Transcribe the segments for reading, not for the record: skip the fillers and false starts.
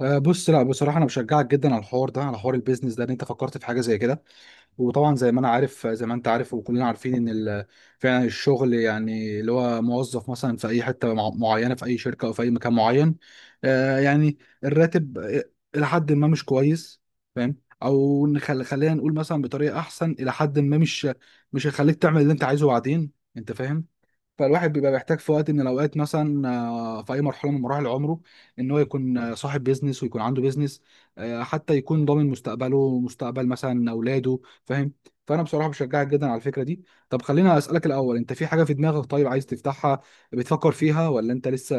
آه، بص، لا بصراحه انا بشجعك جدا على الحوار ده، على حوار البيزنس ده، ان انت فكرت في حاجه زي كده. وطبعا زي ما انا عارف زي ما انت عارف وكلنا عارفين ان فعلا الشغل، يعني اللي هو موظف مثلا في اي حته معينه في اي شركه او في اي مكان معين، آه، يعني الراتب الى حد ما مش كويس. فاهم. او خلينا نقول مثلا بطريقه احسن، الى حد ما مش هيخليك تعمل اللي انت عايزه بعدين. انت فاهم. فالواحد بيبقى محتاج في وقت من الاوقات مثلا، في اي مرحله من مراحل عمره، ان هو يكون صاحب بيزنس ويكون عنده بيزنس، آه، حتى يكون ضامن مستقبله ومستقبل مثلا اولاده. فاهم. فانا بصراحه بشجعك جدا على الفكره دي. طب خلينا اسالك الاول، انت في حاجه في دماغك طيب عايز تفتحها، بتفكر فيها، ولا انت لسه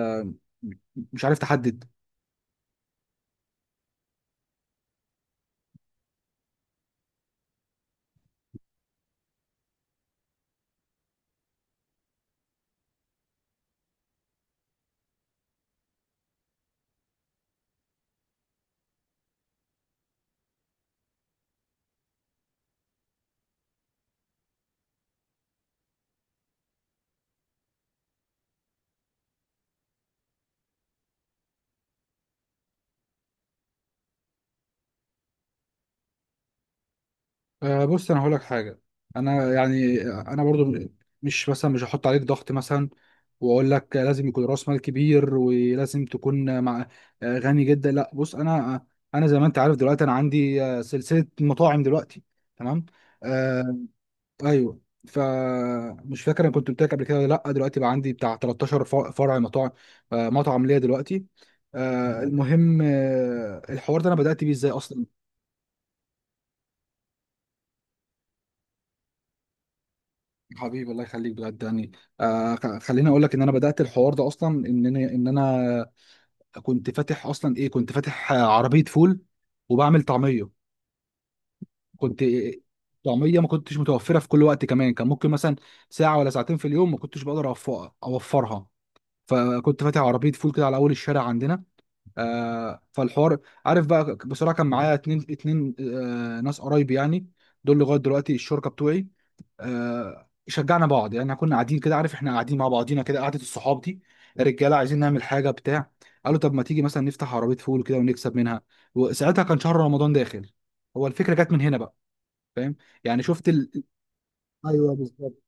مش عارف تحدد؟ آه، بص انا هقول لك حاجه. انا برضو مش مثلا، مش هحط عليك ضغط مثلا واقول لك لازم يكون راس مال كبير ولازم تكون مع، غني جدا. لا بص، انا زي ما انت عارف دلوقتي انا عندي آه، سلسله مطاعم دلوقتي. تمام. آه. ايوه. فمش فاكر انا كنت قلت لك قبل كده ولا لا، دلوقتي بقى عندي بتاع 13 فرع مطاعم، آه مطعم ليا دلوقتي. آه، المهم، آه الحوار ده انا بدات بيه ازاي اصلا. حبيبي الله يخليك بجد يعني. آه، خليني اقول لك ان انا بدات الحوار ده اصلا ان انا كنت فاتح اصلا ايه، كنت فاتح عربيه فول وبعمل طعميه. كنت طعميه ما كنتش متوفره في كل وقت، كمان كان ممكن مثلا ساعه ولا ساعتين في اليوم ما كنتش بقدر اوفرها. فكنت فاتح عربيه فول كده على اول الشارع عندنا. آه، فالحوار، عارف بقى بصراحه كان معايا 2 2 آه ناس قرايبي يعني، دول لغايه دلوقتي الشركه بتوعي. آه، شجعنا بعض يعني، كنا قاعدين كده، عارف، احنا قاعدين مع بعضينا كده قعده الصحاب دي، رجاله عايزين نعمل حاجه بتاع. قالوا طب ما تيجي مثلا نفتح عربيه فول كده ونكسب منها، وساعتها كان شهر رمضان داخل. هو الفكره جت من هنا بقى. فاهم. يعني شفت ايوه بالظبط.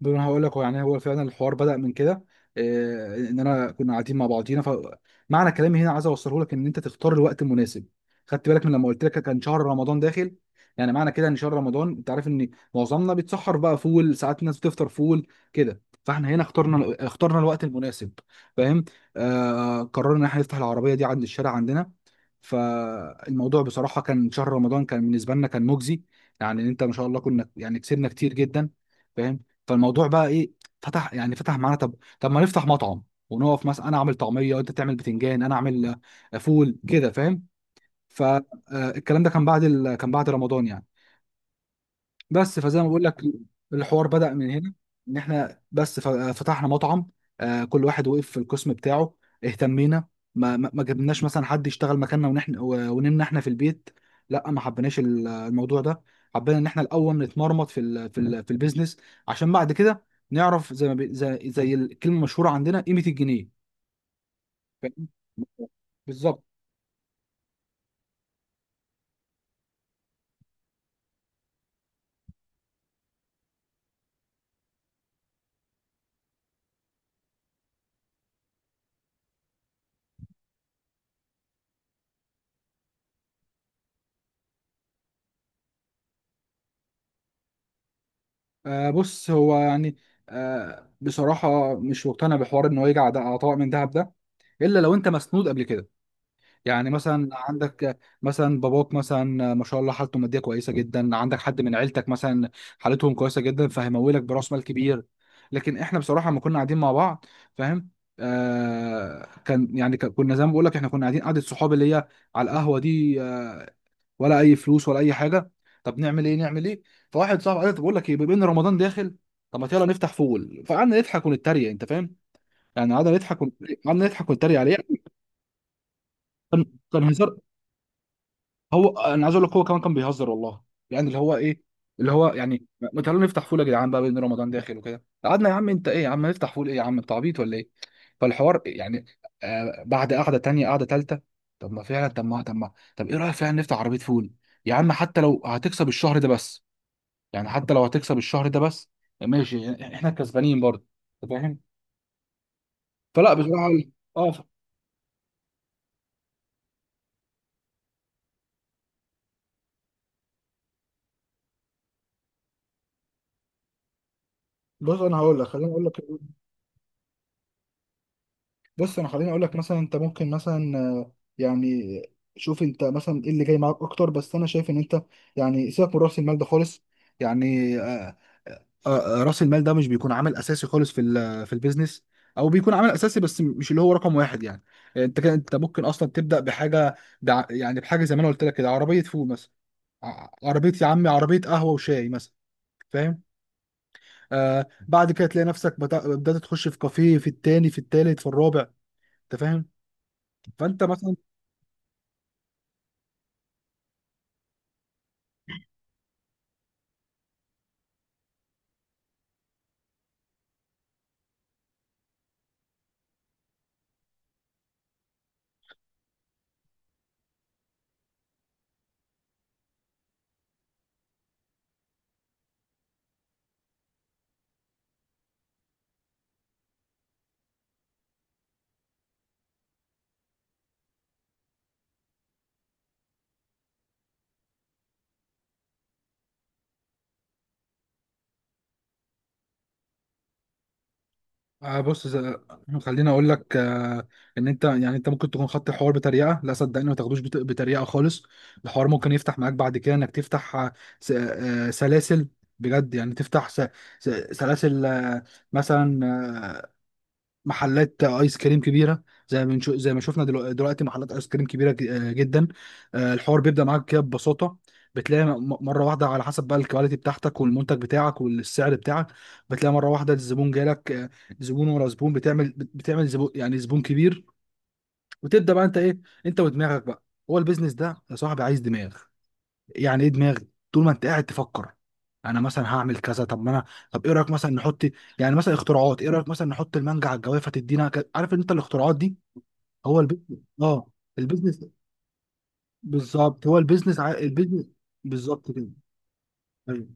دول انا هقول لك، هو يعني هو فعلا الحوار بدأ من كده، إيه، ان انا كنا قاعدين مع بعضينا. فمعنى كلامي هنا عايز اوصله لك، ان انت تختار الوقت المناسب. خدت بالك من لما قلت لك كان شهر رمضان داخل؟ يعني معنى كده ان شهر رمضان انت عارف ان معظمنا بيتسحر بقى فول، ساعات الناس بتفطر فول كده. فاحنا هنا اخترنا الوقت المناسب. فاهم. آه، قررنا ان احنا نفتح العربية دي عند الشارع عندنا. فالموضوع بصراحة كان شهر رمضان كان بالنسبة لنا كان مجزي. يعني انت ما شاء الله كنا يعني كسبنا كتير جدا. فاهم. فالموضوع بقى ايه، فتح يعني فتح معانا. طب ما نفتح مطعم ونقف مثلا، انا اعمل طعميه وانت تعمل بتنجان، انا اعمل آه، فول كده. فاهم. فالكلام ده كان بعد كان بعد رمضان يعني. بس، فزي ما بقول لك الحوار بدأ من هنا، ان احنا بس فتحنا مطعم. آه، كل واحد وقف في القسم بتاعه، اهتمينا. ما جبناش مثلا حد يشتغل مكاننا ونحن ونمنا احنا في البيت. لا ما حبيناش الموضوع ده. حبينا ان احنا الاول نتمرمط في ال في ال في البيزنس، عشان بعد كده نعرف زي ما زي, زي الكلمة المشهورة عندنا، قيمة الجنيه. فاهم؟ بالظبط. آه بص هو يعني، آه بصراحة مش مقتنع بحوار إن هو يجي على طبق من دهب ده، إلا لو أنت مسنود قبل كده. يعني مثلا عندك آه، مثلا باباك مثلا آه، ما شاء الله حالته المادية كويسة جدا، عندك حد من عيلتك مثلا حالتهم كويسة جدا، فهيمولك برأس مال كبير. لكن إحنا بصراحة لما كنا قاعدين مع بعض، فاهم، آه كان يعني كنا زي ما بقول لك، إحنا كنا قاعدين قعدة صحاب اللي هي على القهوة دي، آه، ولا اي فلوس ولا اي حاجه. طب نعمل ايه نعمل ايه. فواحد صاحبي قال لي طب بقول لك ايه، بما ان رمضان داخل، طب ما يلا نفتح فول. فقعدنا نضحك ونتريق. انت فاهم. يعني قعدنا نضحك ونتريق عليه. كان كان هزار. هو انا عايز اقول لك هو كمان كان بيهزر والله. يعني اللي هو ايه، اللي هو يعني، ما تعالوا نفتح فول يا جدعان بقى بما ان رمضان داخل وكده. قعدنا يا عم انت ايه، يا عم نفتح فول، ايه يا عم انت عبيط ولا ايه. فالحوار يعني آه بعد قعده تانيه قعده تالته، طب ما فعلا، طب ما طب ايه رايك فعلا نفتح عربيه فول. يا عم حتى لو هتكسب الشهر ده بس، يعني حتى لو هتكسب الشهر ده بس ماشي، احنا كسبانين برضه. انت فاهم. فلا بصراحه. اه بص انا هقول لك، خليني اقول لك مثلا، انت ممكن مثلا آه، يعني شوف انت مثلا ايه اللي جاي معاك اكتر، بس انا شايف ان انت يعني سيبك من راس المال ده خالص. يعني راس المال ده مش بيكون عامل اساسي خالص في في البيزنس، او بيكون عامل اساسي بس مش اللي هو رقم واحد يعني. انت كده انت ممكن اصلا تبدا بحاجه، يعني بحاجه زي ما انا قلت لك كده، عربيه فول مثلا، عربيه يا عمي، عربيه قهوه وشاي مثلا. فاهم. آه بعد كده تلاقي نفسك بدأت تخش في كافيه، في التاني في التالت في الرابع. انت فاهم. فانت مثلا، آه بص خليني اقول لك آه ان انت يعني، انت ممكن تكون خدت الحوار بتريقه. لا صدقني ما تاخدوش بتريقه خالص. الحوار ممكن يفتح معاك بعد كده انك تفتح سلاسل، بجد يعني تفتح سلاسل مثلا، آه، محلات ايس كريم كبيره. زي ما زي ما شفنا دلوقتي، محلات ايس كريم كبيره جدا. آه، الحوار بيبدا معاك كده ببساطه، بتلاقي مره واحده، على حسب بقى الكواليتي بتاعتك والمنتج بتاعك والسعر بتاعك، بتلاقي مره واحده الزبون جالك، آه، زبون ورا زبون، بتعمل زبون، يعني زبون كبير، وتبدا بقى انت ايه، انت ودماغك بقى. هو البيزنس ده يا صاحبي عايز دماغ. يعني ايه دماغي، طول ما انت قاعد تفكر انا مثلا هعمل كذا، طب ما انا، طب ايه رايك مثلا نحط، يعني مثلا اختراعات، ايه رايك مثلا نحط المانجا على الجوافه تدينا عارف ان انت الاختراعات دي هو البيزنس. اه البيزنس. بالظبط، هو البيزنس البيزنس بالظبط كده. أيوة.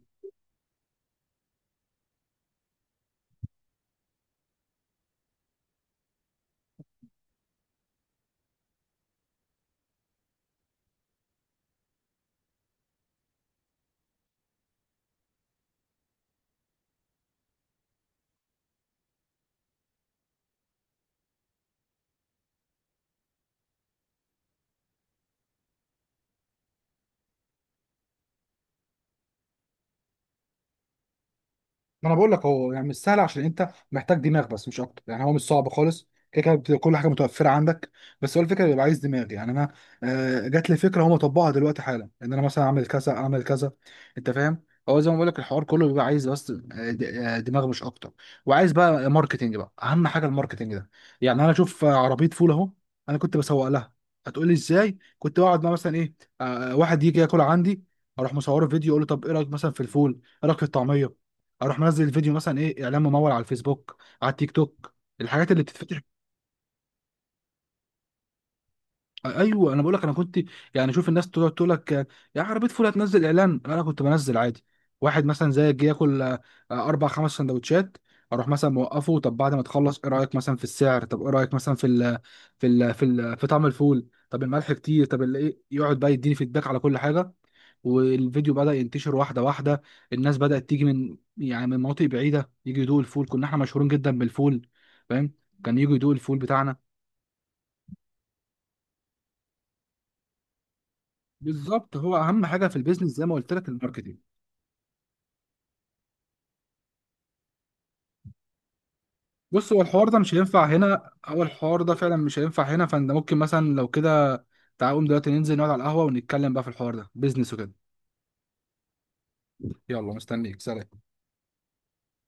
ما انا بقول لك هو يعني مش سهل عشان انت محتاج دماغ بس، مش اكتر. يعني هو مش صعب خالص، كده كده كل حاجه متوفره عندك. بس هو الفكره بيبقى عايز دماغ. يعني انا آه، جات لي فكره هم طبقها دلوقتي حالا، ان انا مثلا اعمل كذا اعمل كذا. انت فاهم. هو زي ما بقول لك الحوار كله بيبقى عايز بس دماغ، مش اكتر. وعايز بقى ماركتنج، بقى اهم حاجه الماركتنج ده. يعني انا اشوف، آه، عربيه فول اهو، انا كنت بسوق لها. هتقول لي ازاي. كنت بقعد مع مثلا ايه، آه، واحد يجي ياكل عندي، اروح مصوره فيديو، اقول له طب ايه رايك مثلا في الفول، ايه رايك في الطعميه. اروح منزل الفيديو مثلا ايه، اعلان ممول على الفيسبوك، على التيك توك، الحاجات اللي بتتفتح. ايوه انا بقول لك انا كنت، يعني شوف الناس تقعد تقول لك آه، يا عربيه فول هتنزل اعلان، انا كنت بنزل عادي. واحد مثلا زي جه ياكل 4 5 سندوتشات، اروح مثلا موقفه، طب بعد ما تخلص ايه رايك مثلا في السعر، طب ايه رايك مثلا في ال في ال في, ال في طعم الفول، طب الملح كتير، طب ايه، يقعد بقى يديني فيدباك على كل حاجه. والفيديو بدأ ينتشر واحده واحده، الناس بدأت تيجي من يعني من مناطق بعيده يجي يدوق الفول، كنا احنا مشهورين جدا بالفول. فاهم. كان يجي يدوق الفول بتاعنا. بالظبط، هو اهم حاجه في البيزنس زي ما قلت لك الماركتينج. بص هو الحوار ده مش هينفع هنا، او الحوار ده فعلا مش هينفع هنا. فانت ممكن مثلا لو كده تعالى قوم دلوقتي ننزل نقعد على القهوه ونتكلم بقى في الحوار ده، بيزنس وكده. يلا مستنيك، سلام.